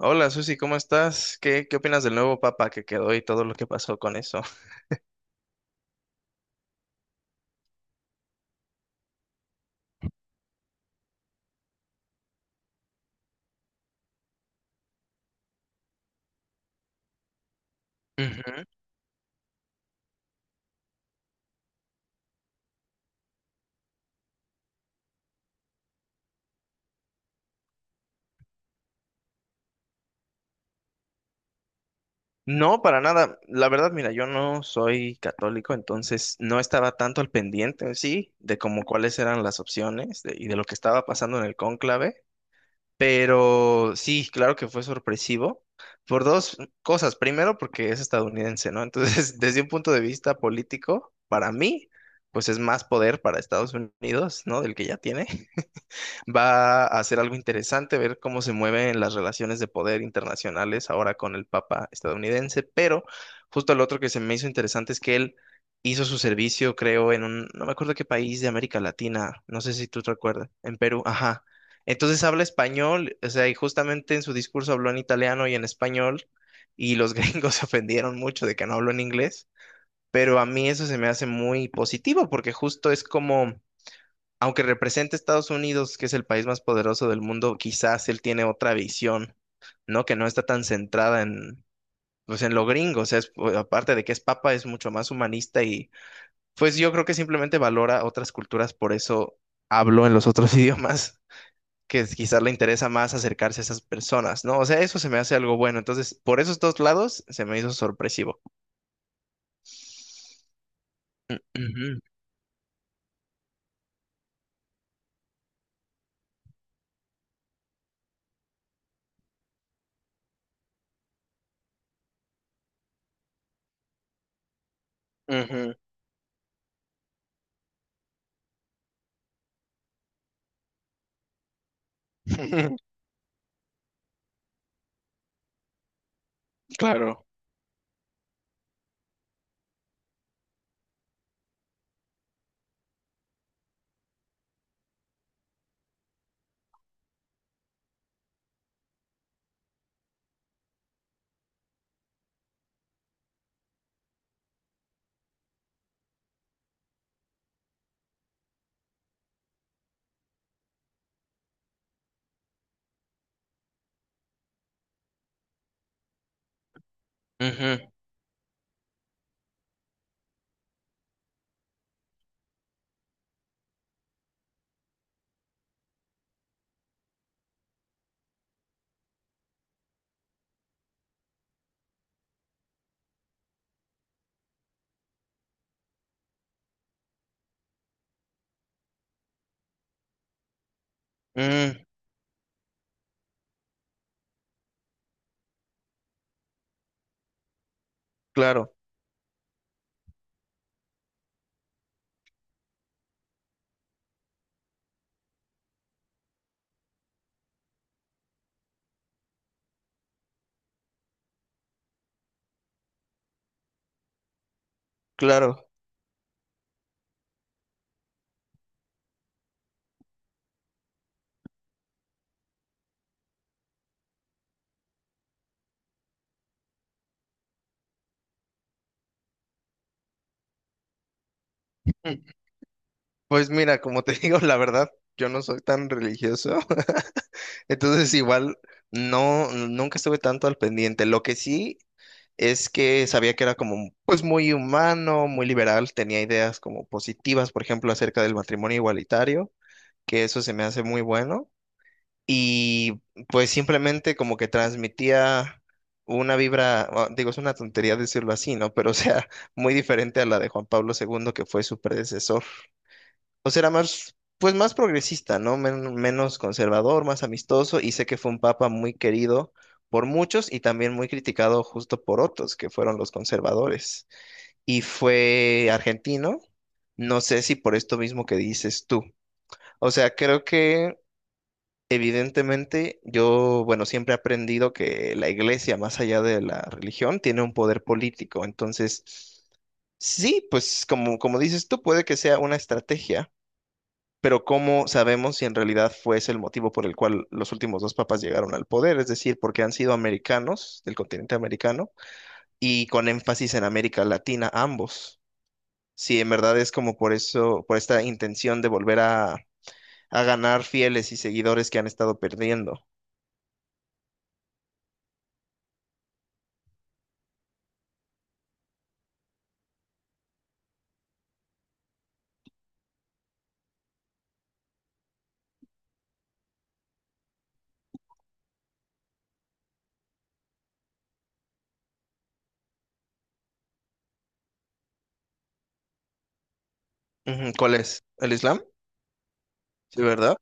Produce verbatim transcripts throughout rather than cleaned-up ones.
Hola Susi, ¿cómo estás? ¿Qué, qué opinas del nuevo papa que quedó y todo lo que pasó con eso? Ujú. No, para nada. La verdad, mira, yo no soy católico, entonces no estaba tanto al pendiente en sí de como cuáles eran las opciones de- y de lo que estaba pasando en el cónclave, pero sí, claro que fue sorpresivo por dos cosas. Primero, porque es estadounidense, ¿no? Entonces, desde un punto de vista político, para mí, pues es más poder para Estados Unidos, ¿no? Del que ya tiene. Va a ser algo interesante ver cómo se mueven las relaciones de poder internacionales ahora con el Papa estadounidense, pero justo lo otro que se me hizo interesante es que él hizo su servicio, creo, en un, no me acuerdo qué país de América Latina, no sé si tú te acuerdas, en Perú, ajá. Entonces habla español, o sea, y justamente en su discurso habló en italiano y en español, y los gringos se ofendieron mucho de que no habló en inglés, pero a mí eso se me hace muy positivo porque justo es como aunque represente a Estados Unidos, que es el país más poderoso del mundo, quizás él tiene otra visión, ¿no? Que no está tan centrada en, pues, en lo gringo. O sea, es- pues, aparte de que es papa, es mucho más humanista y, pues, yo creo que simplemente valora otras culturas, por eso hablo en los otros idiomas. Que es- quizás le interesa más acercarse a esas personas, ¿no? O sea, eso se me hace algo bueno. Entonces, por esos dos lados, se me hizo sorpresivo. Ujú. Ujú. Claro. Ujú, mm, claro, claro. Pues mira, como te digo, la verdad, yo no soy tan religioso, entonces igual no, nunca estuve tanto al pendiente. Lo que sí es que sabía que era como, pues muy humano, muy liberal, tenía ideas como positivas, por ejemplo, acerca del matrimonio igualitario, que eso se me hace muy bueno, y pues simplemente como que transmitía una vibra, ah, digo, es una tontería decirlo así, ¿no? Pero o sea, muy diferente a la de Juan Pablo segundo, que fue su predecesor. O sea, era más, pues más progresista, ¿no? Men- menos conservador, más amistoso, y sé que fue un papa muy querido por muchos y también muy criticado justo por otros, que fueron los conservadores. Y fue argentino, no sé si por esto mismo que dices tú. O sea, creo que evidentemente yo, bueno, siempre he aprendido que la iglesia, más allá de la religión, tiene un poder político. Entonces, sí, pues como, como dices tú, puede que sea una estrategia, pero ¿cómo sabemos si en realidad fue ese el motivo por el cual los últimos dos papas llegaron al poder? Es decir, porque han sido americanos, del continente americano, y con énfasis en América Latina ambos. Si en verdad es como por eso, por esta intención de volver a, a ganar fieles y seguidores que han estado perdiendo. Ujú. ¿Cuál es? ¿El Islam? Sí, ¿verdad?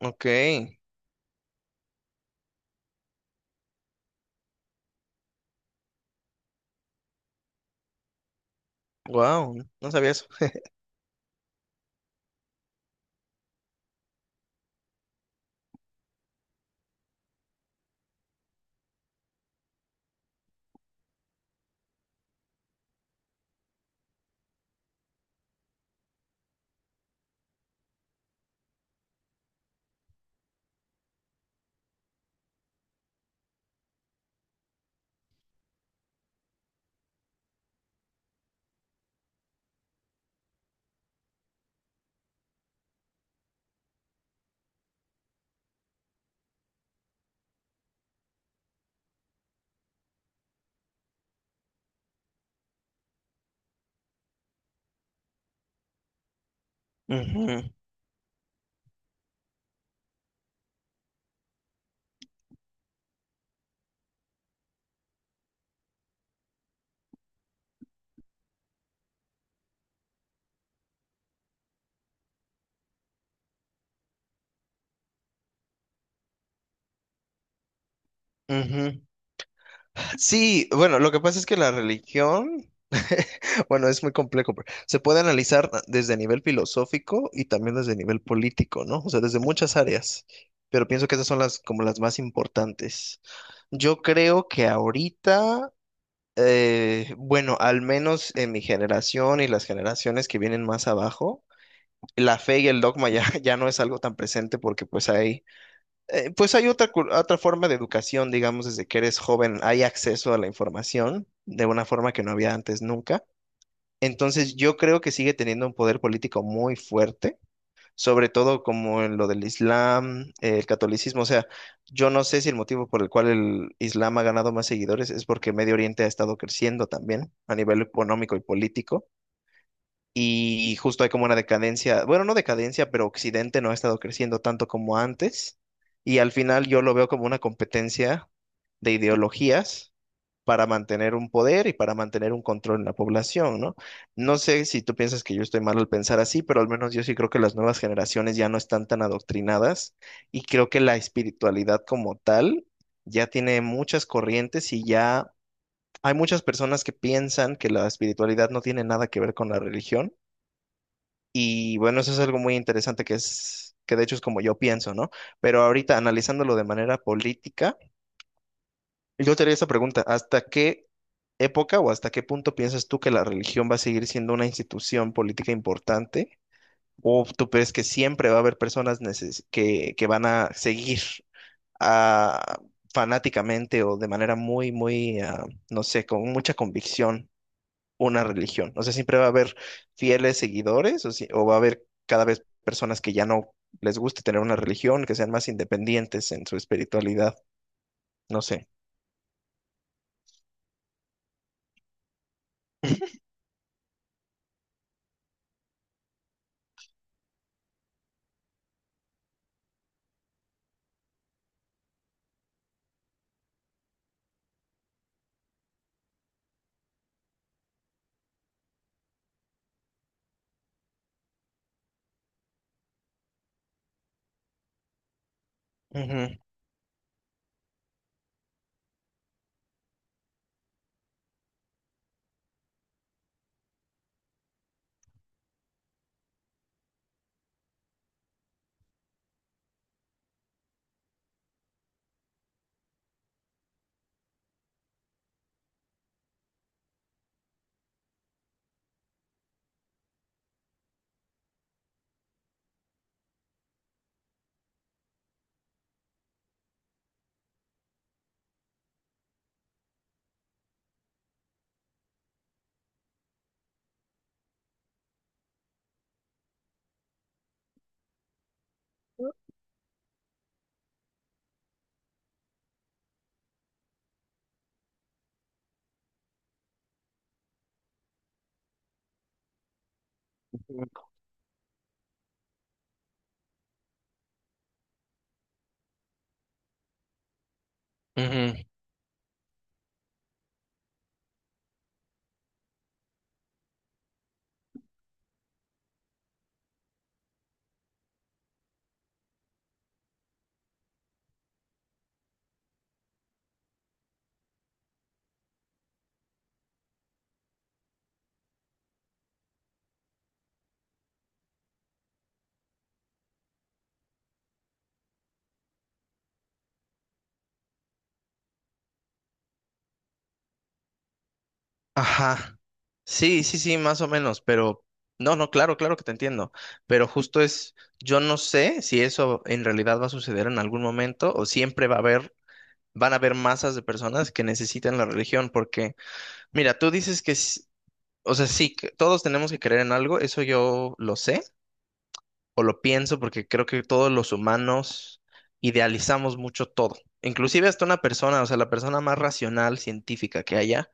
Ok. Wow, no sabía eso. Ujú, ujú. Sí, bueno, lo que pasa es que la religión, bueno, es muy complejo, pero se puede analizar desde nivel filosófico y también desde nivel político, ¿no? O sea, desde muchas áreas, pero pienso que esas son las como las más importantes. Yo creo que ahorita, eh, bueno, al menos en mi generación y las generaciones que vienen más abajo, la fe y el dogma ya, ya no es algo tan presente porque pues hay eh, pues hay otra, cul- otra forma de educación, digamos, desde que eres joven hay acceso a la información de una forma que no había antes nunca. Entonces yo creo que sigue teniendo un poder político muy fuerte, sobre todo como en lo del Islam, eh, el catolicismo. O sea, yo no sé si el motivo por el cual el Islam ha ganado más seguidores es porque Medio Oriente ha estado creciendo también a nivel económico y político. Y justo hay como una decadencia, bueno, no decadencia, pero Occidente no ha estado creciendo tanto como antes. Y al final yo lo veo como una competencia de ideologías para mantener un poder y para mantener un control en la población, ¿no? No sé si tú piensas que yo estoy mal al pensar así, pero al menos yo sí creo que las nuevas generaciones ya no están tan adoctrinadas y creo que la espiritualidad como tal ya tiene muchas corrientes y ya hay muchas personas que piensan que la espiritualidad no tiene nada que ver con la religión y bueno, eso es algo muy interesante que es, que de hecho es como yo pienso, ¿no? Pero ahorita analizándolo de manera política, yo te haría esa pregunta: ¿hasta qué época o hasta qué punto piensas tú que la religión va a seguir siendo una institución política importante? ¿O tú crees que siempre va a haber personas neces- que, que van a seguir ah, fanáticamente o de manera muy, muy, ah, no sé, con mucha convicción una religión? O sea, ¿siempre va a haber fieles seguidores o, si- o va a haber cada vez personas que ya no les guste tener una religión, que sean más independientes en su espiritualidad? No sé. Ujú, ujú. Ajá. Sí, sí, sí, más o menos, pero no, no, claro, claro que te entiendo, pero justo es, yo no sé si eso en realidad va a suceder en algún momento o siempre va a haber, van a haber masas de personas que necesitan la religión, porque mira, tú dices que s- o sea, sí, que todos tenemos que creer en algo, eso yo lo sé o lo pienso porque creo que todos los humanos idealizamos mucho todo. Inclusive hasta una persona, o sea, la persona más racional, científica que haya,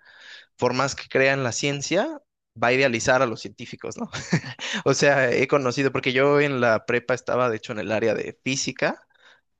por más que crea en la ciencia, va a idealizar a los científicos, ¿no? O sea, he conocido, porque yo en la prepa estaba, de hecho, en el área de física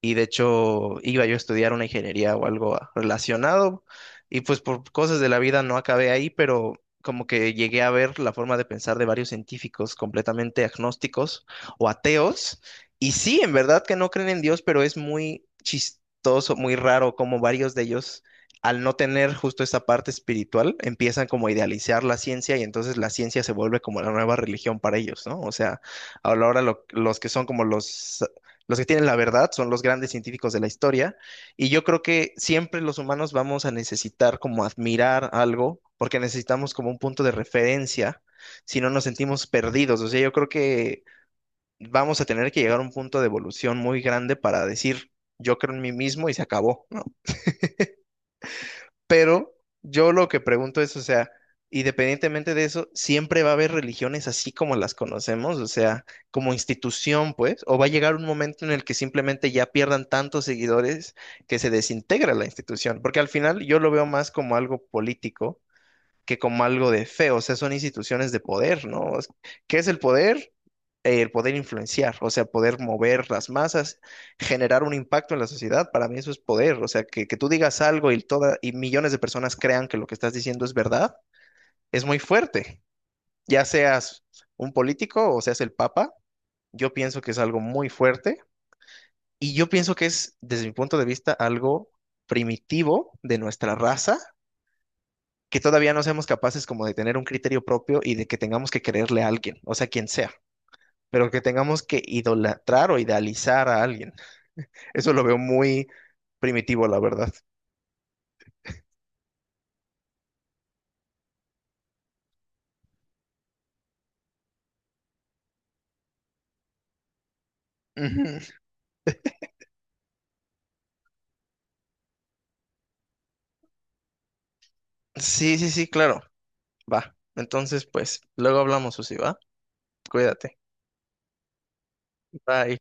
y de hecho iba yo a estudiar una ingeniería o algo a- relacionado y pues por cosas de la vida no acabé ahí, pero como que llegué a ver la forma de pensar de varios científicos completamente agnósticos o ateos y sí, en verdad que no creen en Dios, pero es muy chistoso, muy raro como varios de ellos al no tener justo esa parte espiritual, empiezan como a idealizar la ciencia y entonces la ciencia se vuelve como la nueva religión para ellos, ¿no? O sea, ahora lo- los que son como los los que tienen la verdad son los grandes científicos de la historia y yo creo que siempre los humanos vamos a necesitar como admirar algo porque necesitamos como un punto de referencia si no nos sentimos perdidos. O sea, yo creo que vamos a tener que llegar a un punto de evolución muy grande para decir yo creo en mí mismo y se acabó, ¿no? Pero yo lo que pregunto es, o sea, independientemente de eso, ¿siempre va a haber religiones así como las conocemos? O sea, como institución, pues, o va a llegar un momento en el que simplemente ya pierdan tantos seguidores que se desintegra la institución, porque al final yo lo veo más como algo político que como algo de feo. O sea, son instituciones de poder, ¿no? Es- ¿Qué es el poder? Eh, el poder influenciar, o sea, poder mover las masas, generar un impacto en la sociedad, para mí eso es poder. O sea, que, que tú digas algo y, toda, y millones de personas crean que lo que estás diciendo es verdad, es muy fuerte. Ya seas un político o seas el papa, yo pienso que es algo muy fuerte y yo pienso que es, desde mi punto de vista, algo primitivo de nuestra raza que todavía no seamos capaces como de tener un criterio propio y de que tengamos que creerle a alguien, o sea, quien sea, pero que tengamos que idolatrar o idealizar a alguien. Eso lo veo muy primitivo, la verdad. Ujú. Sí, sí, sí, claro. Va. Entonces, pues, luego hablamos, Susi, ¿va? Cuídate. Bye.